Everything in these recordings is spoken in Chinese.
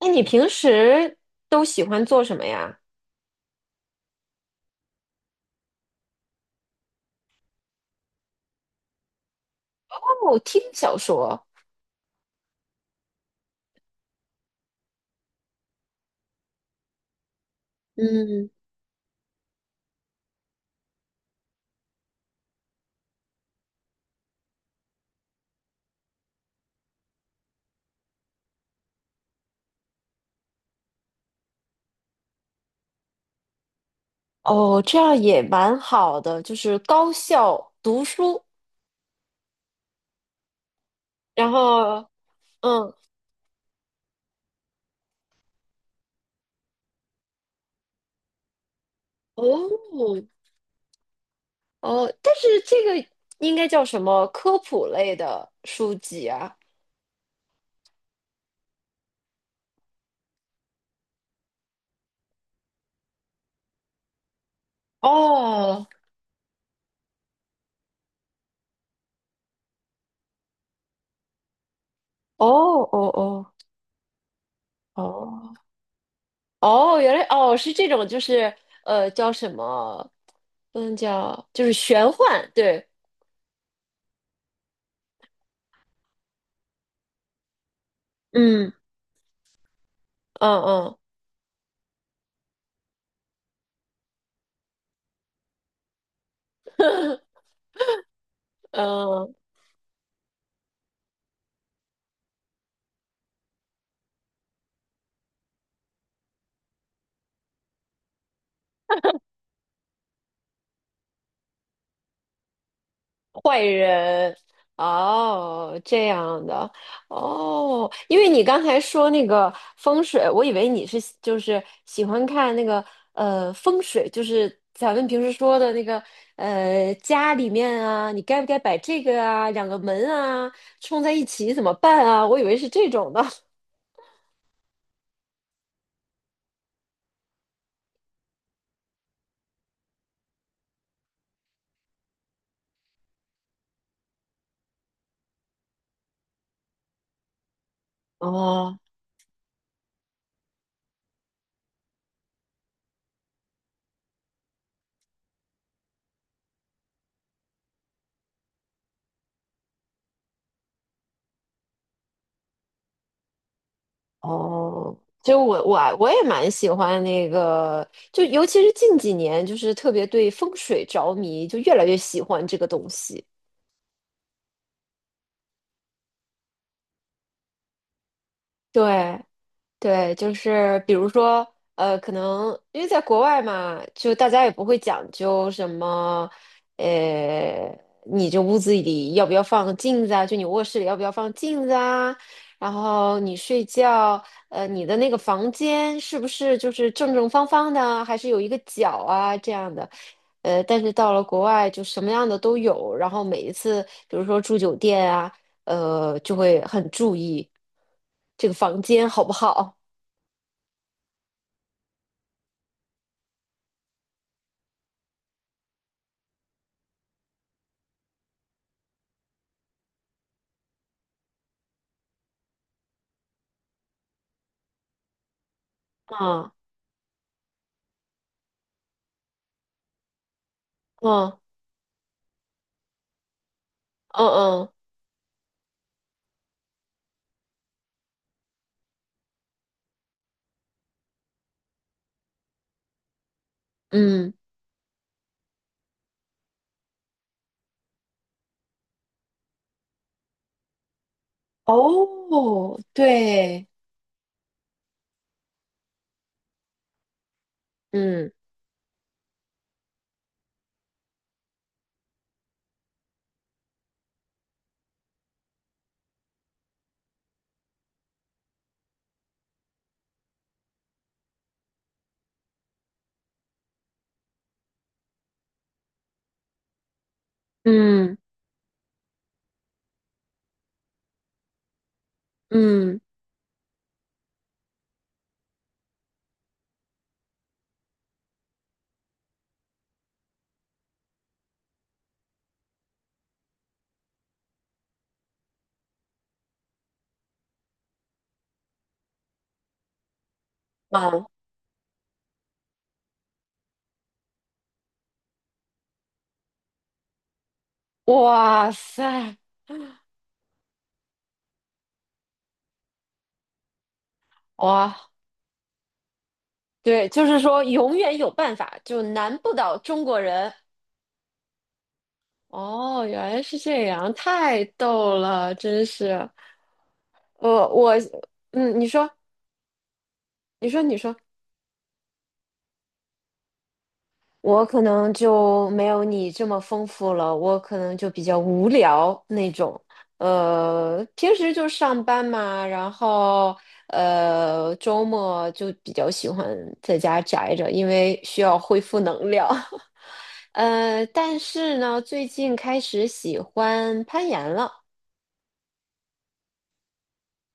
那你平时都喜欢做什么呀？哦，听小说，嗯。哦，这样也蛮好的，就是高效读书。然后，嗯，哦，哦，但是这个应该叫什么科普类的书籍啊？哦，哦，哦，哦，哦，哦，原来哦是这种，就是叫什么？嗯，叫，就是玄幻，对，嗯，嗯嗯。 嗯，坏人。哦，这样的。哦，因为你刚才说那个风水，我以为你是就是喜欢看那个风水，就是咱们平时说的那个家里面啊，你该不该摆这个啊，两个门啊冲在一起怎么办啊？我以为是这种的。哦哦，就我也蛮喜欢那个，就尤其是近几年，就是特别对风水着迷，就越来越喜欢这个东西。对，对，就是比如说，可能因为在国外嘛，就大家也不会讲究什么。呃，你这屋子里要不要放镜子啊？就你卧室里要不要放镜子啊？然后你睡觉，你的那个房间是不是就是正正方方的啊，还是有一个角啊这样的？但是到了国外就什么样的都有，然后每一次，比如说住酒店啊，就会很注意这个房间好不好。嗯嗯嗯嗯嗯，哦，对，嗯嗯嗯嗯，哇塞，哇，对，就是说永远有办法，就难不倒中国人。哦，原来是这样，太逗了，真是。我我，嗯，你说，你说，你说。我可能就没有你这么丰富了，我可能就比较无聊那种。平时就上班嘛。然后周末就比较喜欢在家宅着，因为需要恢复能量。但是呢，最近开始喜欢攀岩了。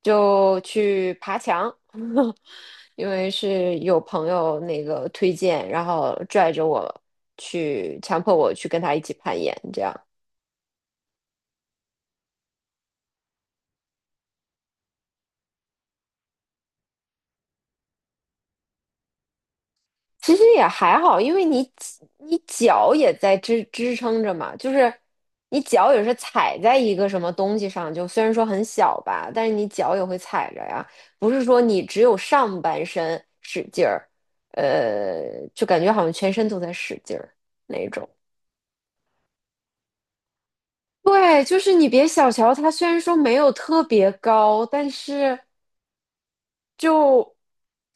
就去爬墙，因为是有朋友那个推荐，然后拽着我去，强迫我去跟他一起攀岩，这样。其实也还好，因为你脚也在支撑着嘛，就是你脚也是踩在一个什么东西上，就虽然说很小吧，但是你脚也会踩着呀，不是说你只有上半身使劲儿。就感觉好像全身都在使劲儿那种。对，就是你别小瞧它，虽然说没有特别高，但是就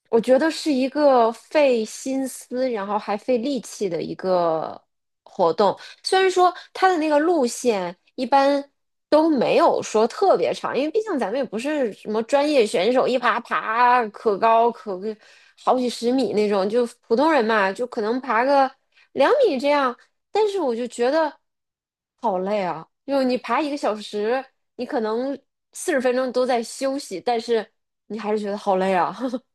我觉得是一个费心思，然后还费力气的一个活动。虽然说它的那个路线一般都没有说特别长，因为毕竟咱们也不是什么专业选手，一爬可高可好几十米那种，就普通人嘛，就可能爬个2米这样。但是我就觉得好累啊，就你爬一个小时，你可能40分钟都在休息，但是你还是觉得好累啊。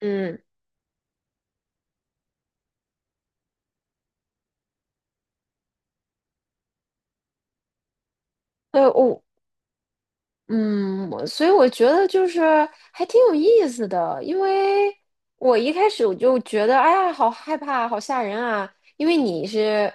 嗯，对，我嗯，我所以我觉得就是还挺有意思的，因为我一开始我就觉得，哎呀，好害怕，好吓人啊！因为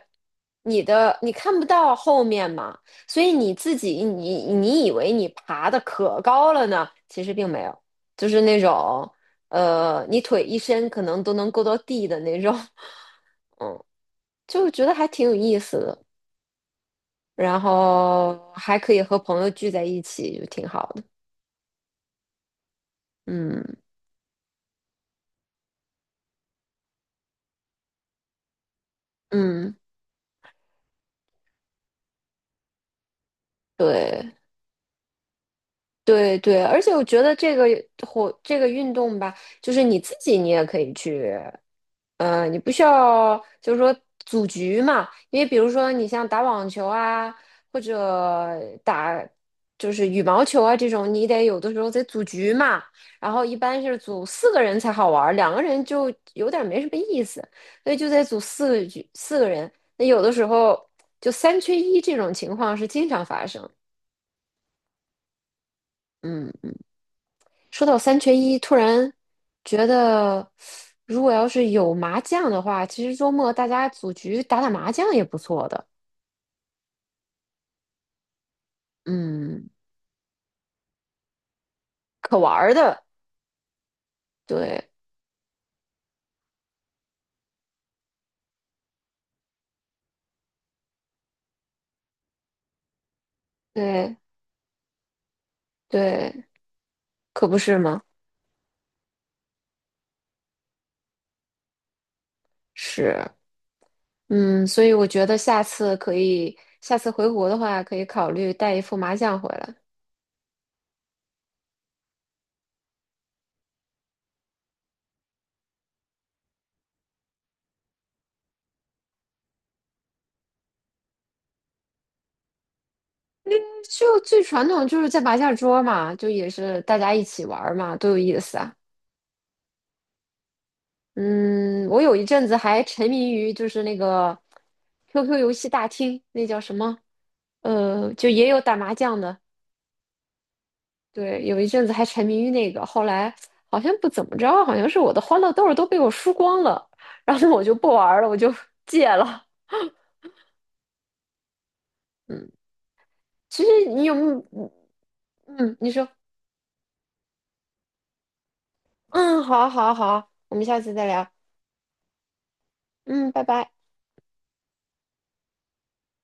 你的，你看不到后面嘛，所以你自己你以为你爬的可高了呢，其实并没有，就是那种你腿一伸可能都能够到地的那种。就觉得还挺有意思的，然后还可以和朋友聚在一起，就挺好的，嗯嗯。对对对，而且我觉得这个活这个运动吧，就是你自己你也可以去。嗯，你不需要就是说组局嘛，因为比如说你像打网球啊，或者打就是羽毛球啊这种，你得有的时候得组局嘛，然后一般是组四个人才好玩儿，两个人就有点儿没什么意思，所以就得组四个人，那有的时候就三缺一这种情况是经常发生。嗯。说到三缺一，突然觉得，如果要是有麻将的话，其实周末大家组局打打麻将也不错的。嗯，可玩儿的，对对对，可不是吗？是，嗯，所以我觉得下次可以，下次回国的话，可以考虑带一副麻将回来。就最传统就是在麻将桌嘛，就也是大家一起玩儿嘛，多有意思啊！嗯，我有一阵子还沉迷于就是那个 QQ 游戏大厅，那叫什么？就也有打麻将的。对，有一阵子还沉迷于那个，后来好像不怎么着，好像是我的欢乐豆儿都被我输光了，然后我就不玩儿了，我就 戒了。嗯，其实你有没有？嗯，嗯你说，嗯，好啊好啊好啊我们下次再聊。嗯，拜拜。